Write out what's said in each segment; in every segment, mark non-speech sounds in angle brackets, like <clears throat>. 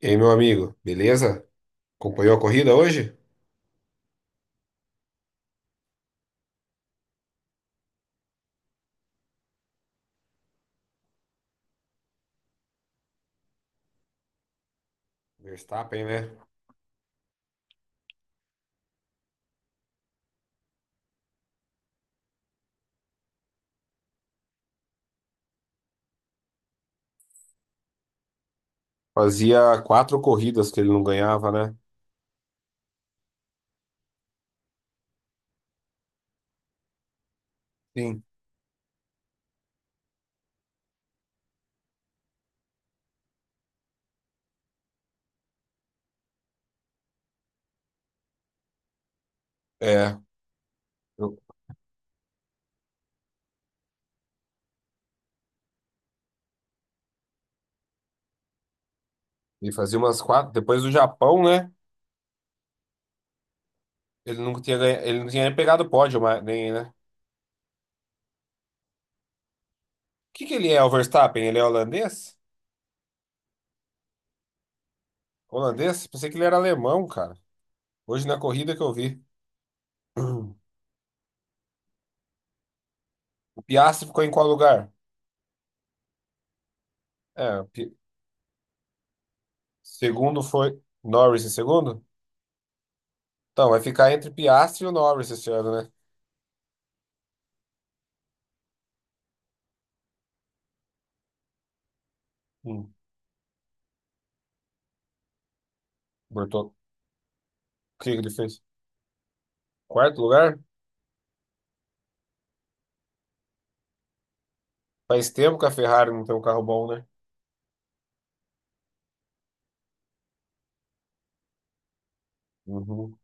E aí, meu amigo, beleza? Acompanhou a corrida hoje? Verstappen, né? Fazia quatro corridas que ele não ganhava, né? Sim. É. eu- E fazia umas quatro. Depois do Japão, né? Ele nunca tinha, ele não tinha nem pegado pódio, mas, nem, né? O que que ele é, o Verstappen? Ele é holandês? Holandês? Pensei que ele era alemão, cara. Hoje na corrida que eu vi. <clears throat> O Piastri ficou em qual lugar? É, o Pi- Segundo foi Norris em segundo? Então, vai ficar entre Piastri e o Norris esse ano, né? Hum, Bortolão. O que que ele fez? Quarto lugar? Faz tempo que a Ferrari não tem um carro bom, né? Uhum.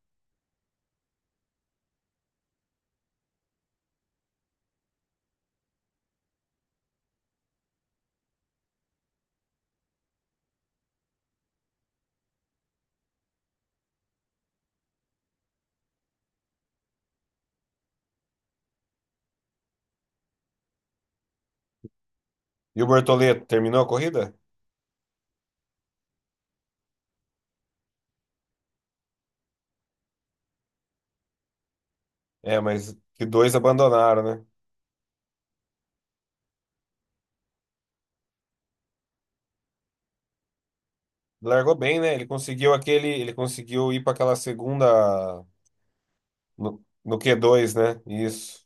E o Bortoleto, terminou a corrida? É, mas que dois abandonaram, né? Largou bem, né? Ele conseguiu aquele, ele conseguiu ir para aquela segunda no Q2, né? Isso.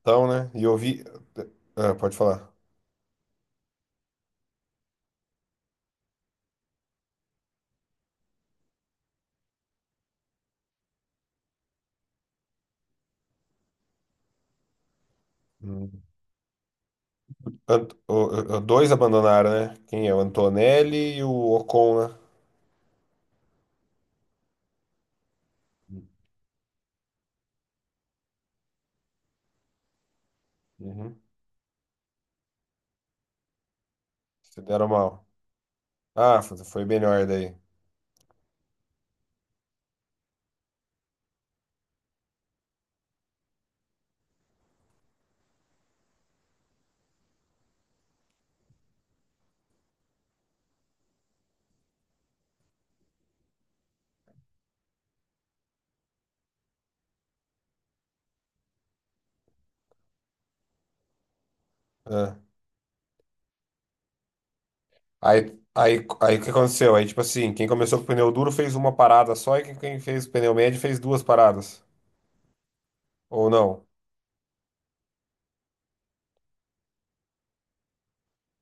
Então, né? E eu vi, ah, pode falar. Hum. Ant- o- Dois abandonaram, né? Quem é? O Antonelli e o Ocon, né? Uhum. Se deram mal. Ah, foi melhor daí. Ah. Aí o que aconteceu? Aí, tipo assim, quem começou com pneu duro fez uma parada só e quem fez pneu médio fez duas paradas. Ou não?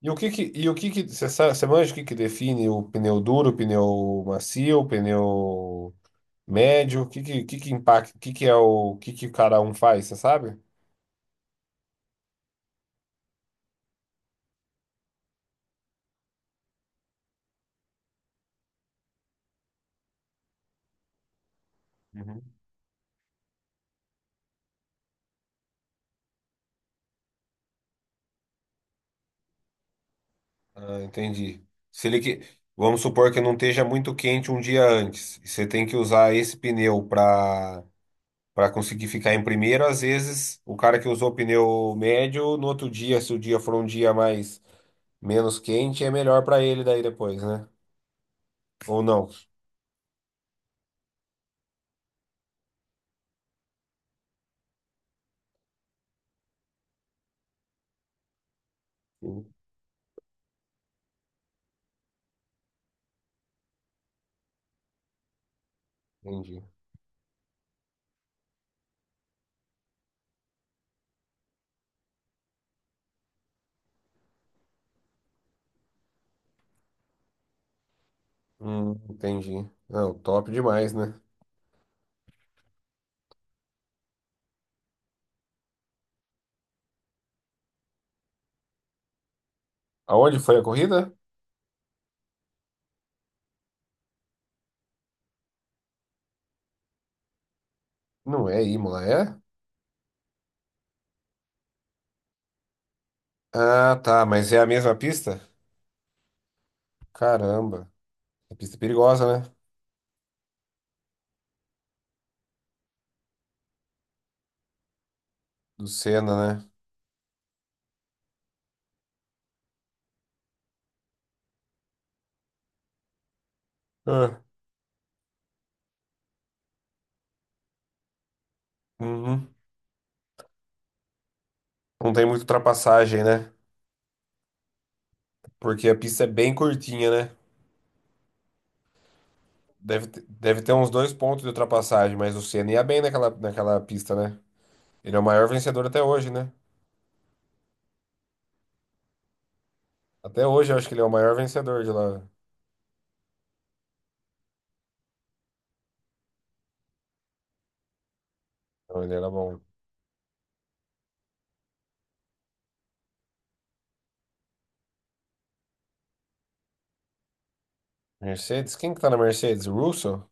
E o que que, você sabe, você manja o que que define o pneu duro, o pneu macio, o pneu médio? O que que impacta, o que que é o que que cada um faz, você sabe? Uhum. Ah, entendi. Se ele que... Vamos supor que não esteja muito quente um dia antes, e você tem que usar esse pneu para conseguir ficar em primeiro. Às vezes, o cara que usou o pneu médio, no outro dia, se o dia for um dia mais menos quente, é melhor para ele daí depois, né? Ou não? Entendi. Entendi. Não, top demais, né? Aonde foi a corrida? Não é Imola, é? Ah, tá, mas é a mesma pista? Caramba, a pista é perigosa, né? Do Senna, né? Uhum. Não tem muita ultrapassagem, né? Porque a pista é bem curtinha, né? Deve, deve ter uns dois pontos de ultrapassagem, mas o Senna ia bem naquela pista, né? Ele é o maior vencedor até hoje, né? Até hoje eu acho que ele é o maior vencedor de lá. Não, ele era bom. Mercedes? Quem que tá na Mercedes? O Russell?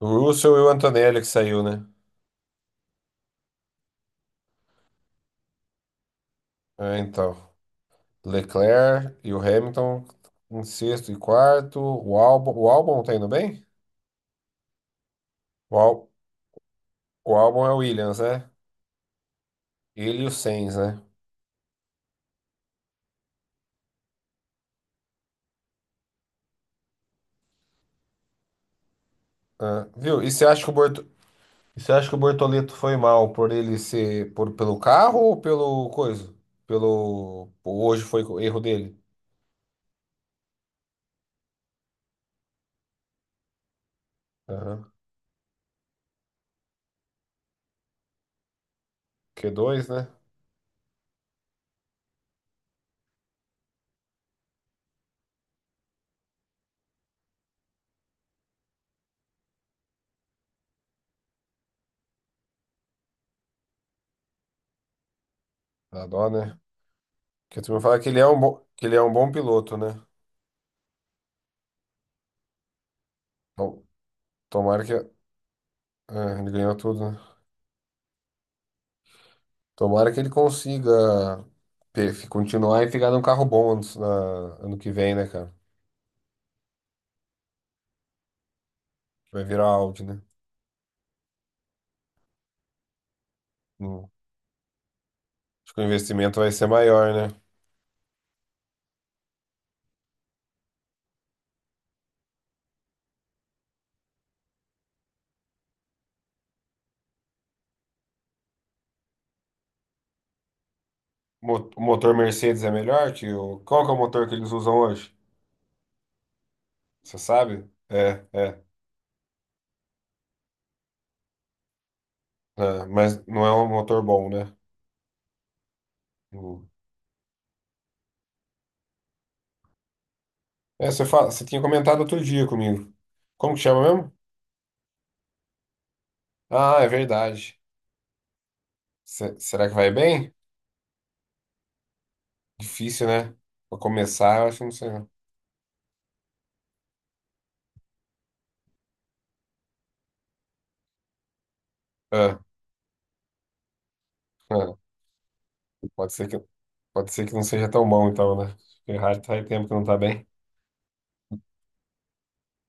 O Russell e o Antonelli que saiu, né? É, então. Leclerc e o Hamilton em sexto e quarto. O Albon tá indo bem? O, Al, o Albon é o Williams, né? Ele e o Sainz, né? Ah, viu? E você acha que o Borto... e você acha que o Bortoleto foi mal por ele ser por, pelo carro ou pelo coisa? Pelo hoje foi o erro dele? Aham. Q2, né? Dá dó, né? Porque tu me fala que ele é um bom, que ele é um bom piloto, né? Bom, tomara que é, ele ganhou tudo, né? Tomara que ele consiga continuar e ficar num carro bom ano, ano que vem, né, cara? Vai virar Audi, né? Hum. Acho que o investimento vai ser maior, né? O motor Mercedes é melhor que o. Qual que é o motor que eles usam hoje? Você sabe? É, é. Ah, mas não é um motor bom, né? O- É, você fala... você tinha comentado outro dia comigo. Como que chama mesmo? Ah, é verdade. Será que vai bem? Difícil, né? Pra começar, eu acho que não sei. Não. Ah, ah, pode ser que... pode ser que não seja tão bom, então, né? Ferrari faz tempo que não tá bem.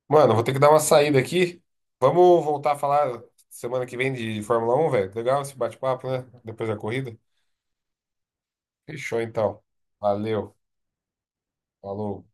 Mano, eu vou ter que dar uma saída aqui. Vamos voltar a falar semana que vem de Fórmula Um, velho. Legal esse bate-papo, né? Depois da corrida. Fechou, então. Valeu. Falou.